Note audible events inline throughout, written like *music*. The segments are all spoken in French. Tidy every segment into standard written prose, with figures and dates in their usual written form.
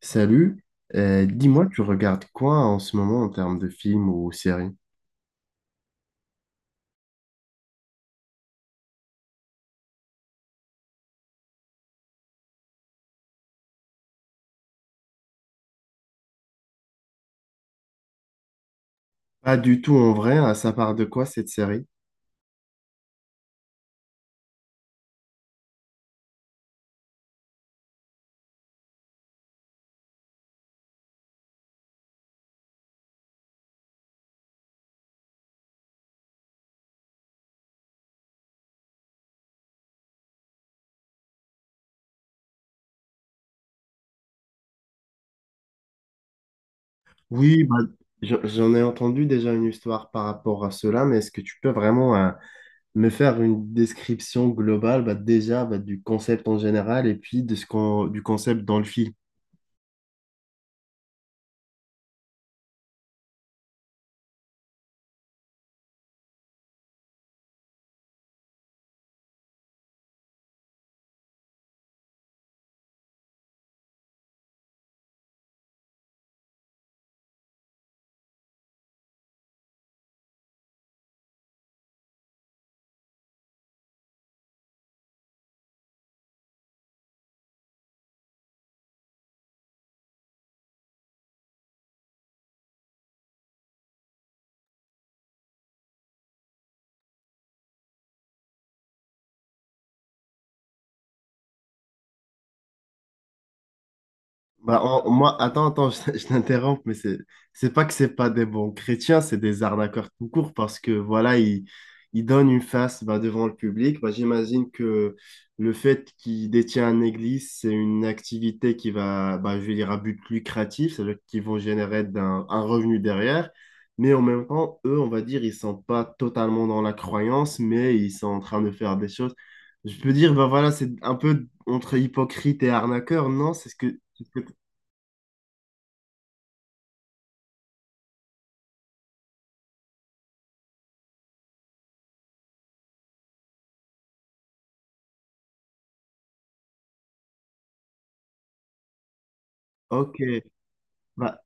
Salut. Dis-moi, tu regardes quoi en ce moment en termes de films ou séries? Pas du tout en vrai, hein, ça part de quoi cette série? Oui, bah, j'en ai entendu déjà une histoire par rapport à cela, mais est-ce que tu peux vraiment me faire une description globale, bah, déjà, bah, du concept en général et puis de ce qu'on, du concept dans le film? Bah, moi, attends, attends, *laughs* je t'interromps, mais c'est pas que c'est pas des bons chrétiens, c'est des arnaqueurs tout court parce que voilà, ils donnent une face, bah, devant le public. Bah, j'imagine que le fait qu'ils détiennent une église, c'est une activité qui va, bah, je vais dire, à but lucratif, c'est-à-dire qu'ils vont générer un revenu derrière. Mais en même temps, eux, on va dire, ils sont pas totalement dans la croyance, mais ils sont en train de faire des choses. Je peux dire, bah voilà, c'est un peu entre hypocrite et arnaqueur, non? C'est ce que Ok, bah,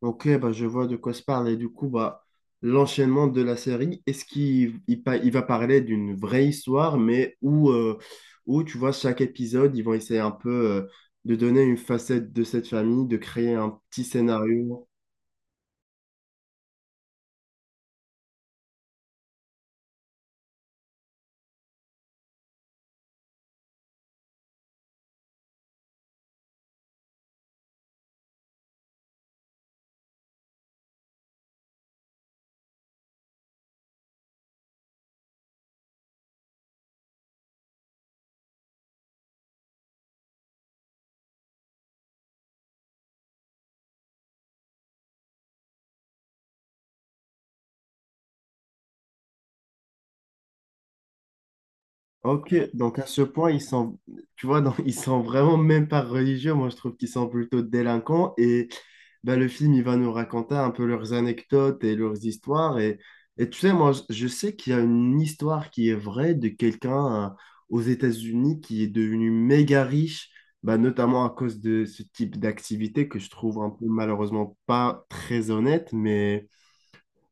ok, bah, je vois de quoi se parle. Et du coup, bah, l'enchaînement de la série, est-ce qu'il il, pa- il va parler d'une vraie histoire, mais où, où, tu vois, chaque épisode, ils vont essayer un peu de donner une facette de cette famille, de créer un petit scénario. Ok, donc à ce point, ils sont, tu vois, donc, *laughs* ils sont vraiment même pas religieux. Moi, je trouve qu'ils sont plutôt délinquants. Et ben, le film, il va nous raconter un peu leurs anecdotes et leurs histoires. Et tu sais, moi, je sais qu'il y a une histoire qui est vraie de quelqu'un aux États-Unis qui est devenu méga riche, ben, notamment à cause de ce type d'activité que je trouve un peu malheureusement pas très honnête, mais.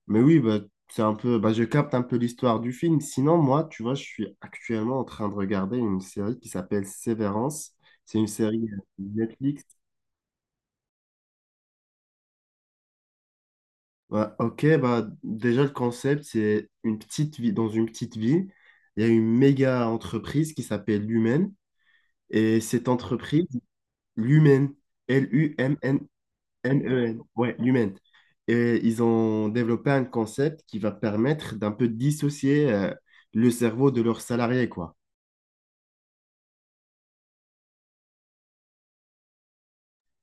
Mais oui, bah, c'est un peu, bah, je capte un peu l'histoire du film. Sinon, moi, tu vois, je suis actuellement en train de regarder une série qui s'appelle Sévérance. C'est une série Netflix. Ouais, ok, bah, déjà, le concept, c'est une petite vie, dans une petite ville, il y a une méga entreprise qui s'appelle Lumen. Et cette entreprise, Lumen, L-U-M-N-N-E-N, ouais, Lumen. Et ils ont développé un concept qui va permettre d'un peu dissocier le cerveau de leurs salariés, quoi.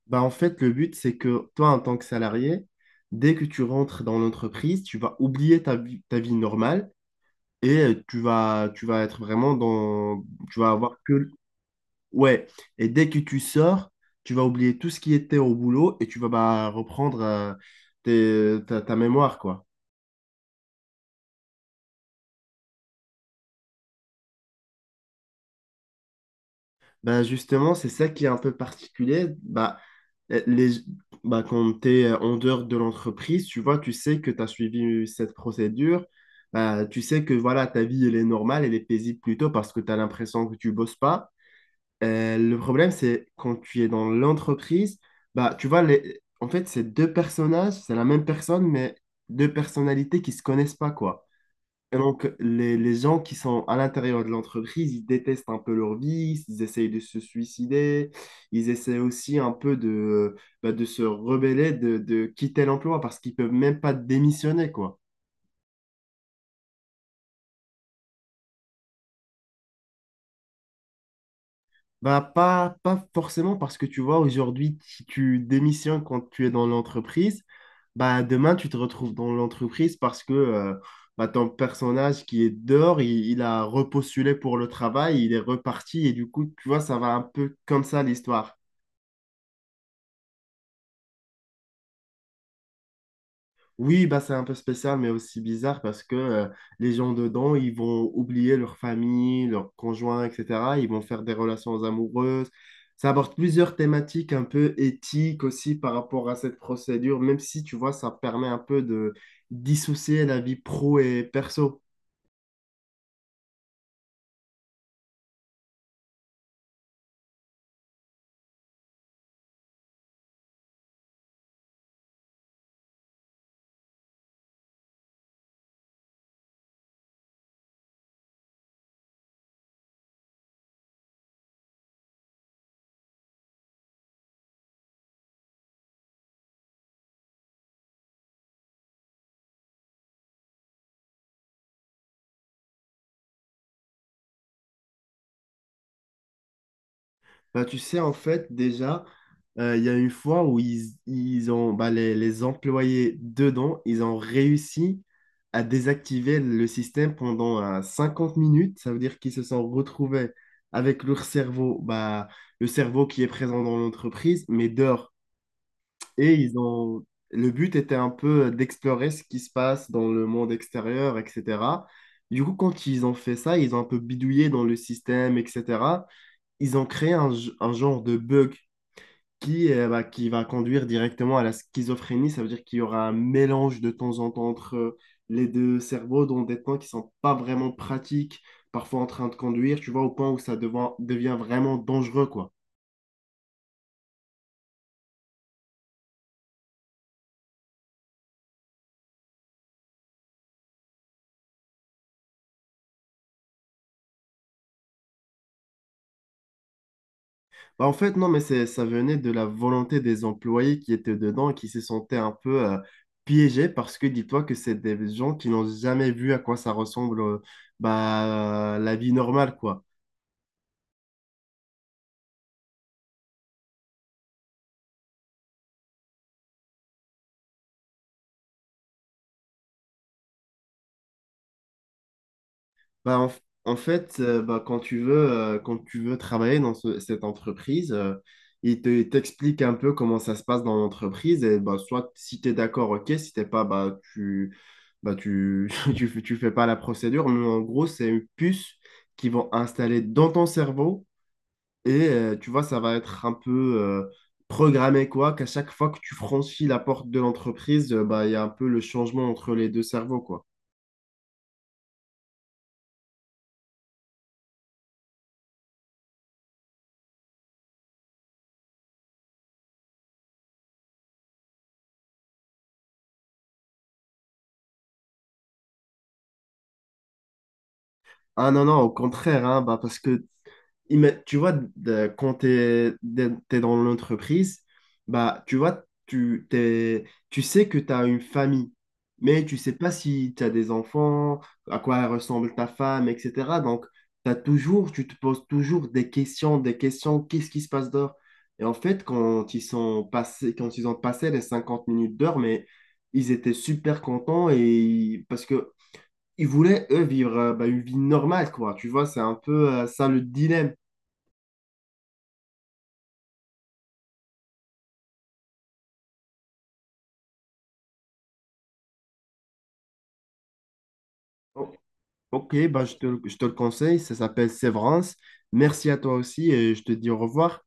Bah, en fait, le but, c'est que toi, en tant que salarié, dès que tu rentres dans l'entreprise, tu vas oublier ta vie normale et tu vas être vraiment dans... Tu vas avoir que... Ouais. Et dès que tu sors, tu vas oublier tout ce qui était au boulot et tu vas, bah, reprendre ta, ta mémoire, quoi. Bah justement, c'est ça qui est un peu particulier. Bah, eh, les, bah quand tu es en dehors de l'entreprise, tu vois, tu sais que tu as suivi cette procédure. Bah, tu sais que voilà, ta vie, elle est normale, elle est paisible plutôt parce que tu as l'impression que tu bosses pas. Le problème, c'est quand tu es dans l'entreprise, bah, tu vois, les, en fait, c'est deux personnages, c'est la même personne, mais deux personnalités qui se connaissent pas, quoi. Et donc, les gens qui sont à l'intérieur de l'entreprise, ils détestent un peu leur vie, ils essayent de se suicider, ils essaient aussi un peu de, bah, de se rebeller, de quitter l'emploi parce qu'ils peuvent même pas démissionner, quoi. Bah, pas, pas forcément parce que tu vois, aujourd'hui, si tu démissionnes quand tu es dans l'entreprise, bah, demain, tu te retrouves dans l'entreprise parce que bah, ton personnage qui est dehors, il a repostulé pour le travail, il est reparti et du coup, tu vois, ça va un peu comme ça l'histoire. Oui, bah, c'est un peu spécial, mais aussi bizarre parce que les gens dedans, ils vont oublier leur famille, leur conjoint, etc. Ils vont faire des relations amoureuses. Ça aborde plusieurs thématiques un peu éthiques aussi par rapport à cette procédure, même si, tu vois, ça permet un peu de dissocier la vie pro et perso. Bah, tu sais, en fait, déjà, il y a une fois où ils ont, bah, les employés dedans, ils ont réussi à désactiver le système pendant 50 minutes. Ça veut dire qu'ils se sont retrouvés avec leur cerveau, bah, le cerveau qui est présent dans l'entreprise, mais dehors. Et ils ont... le but était un peu d'explorer ce qui se passe dans le monde extérieur, etc. Du coup, quand ils ont fait ça, ils ont un peu bidouillé dans le système, etc. Ils ont créé un, un genre de bug qui, bah, qui va conduire directement à la schizophrénie. Ça veut dire qu'il y aura un mélange de temps en temps entre les deux cerveaux dans des temps qui sont pas vraiment pratiques, parfois en train de conduire, tu vois, au point où ça devient vraiment dangereux, quoi. Bah, en fait, non, mais c'est, ça venait de la volonté des employés qui étaient dedans et qui se sentaient un peu piégés parce que dis-toi que c'est des gens qui n'ont jamais vu à quoi ça ressemble bah, la vie normale, quoi. Bah, en fait, bah, quand tu veux travailler dans cette entreprise, il t'explique un peu comment ça se passe dans l'entreprise. Et bah, soit si tu es d'accord, ok, si t'es pas, bah, tu, *laughs* tu, tu fais pas la procédure. Mais en gros, c'est une puce qu'ils vont installer dans ton cerveau. Et tu vois, ça va être un peu programmé, quoi, qu'à chaque fois que tu franchis la porte de l'entreprise, bah, il y a un peu le changement entre les deux cerveaux, quoi. Ah non, non, au contraire, hein, bah, parce que tu vois, quand tu es, dans l'entreprise, bah, tu vois, tu, tu sais que tu as une famille, mais tu sais pas si tu as des enfants, à quoi ressemble ta femme, etc. Donc, t'as toujours, tu te poses toujours des questions, qu'est-ce qui se passe dehors? Et en fait, quand ils ont passé les 50 minutes d'heure, mais ils étaient super contents et parce que ils voulaient, eux, vivre bah, une vie normale, quoi. Tu vois, c'est un peu ça le dilemme. O- Ok, bah, je te le conseille, ça s'appelle Sévrance. Merci à toi aussi et je te dis au revoir.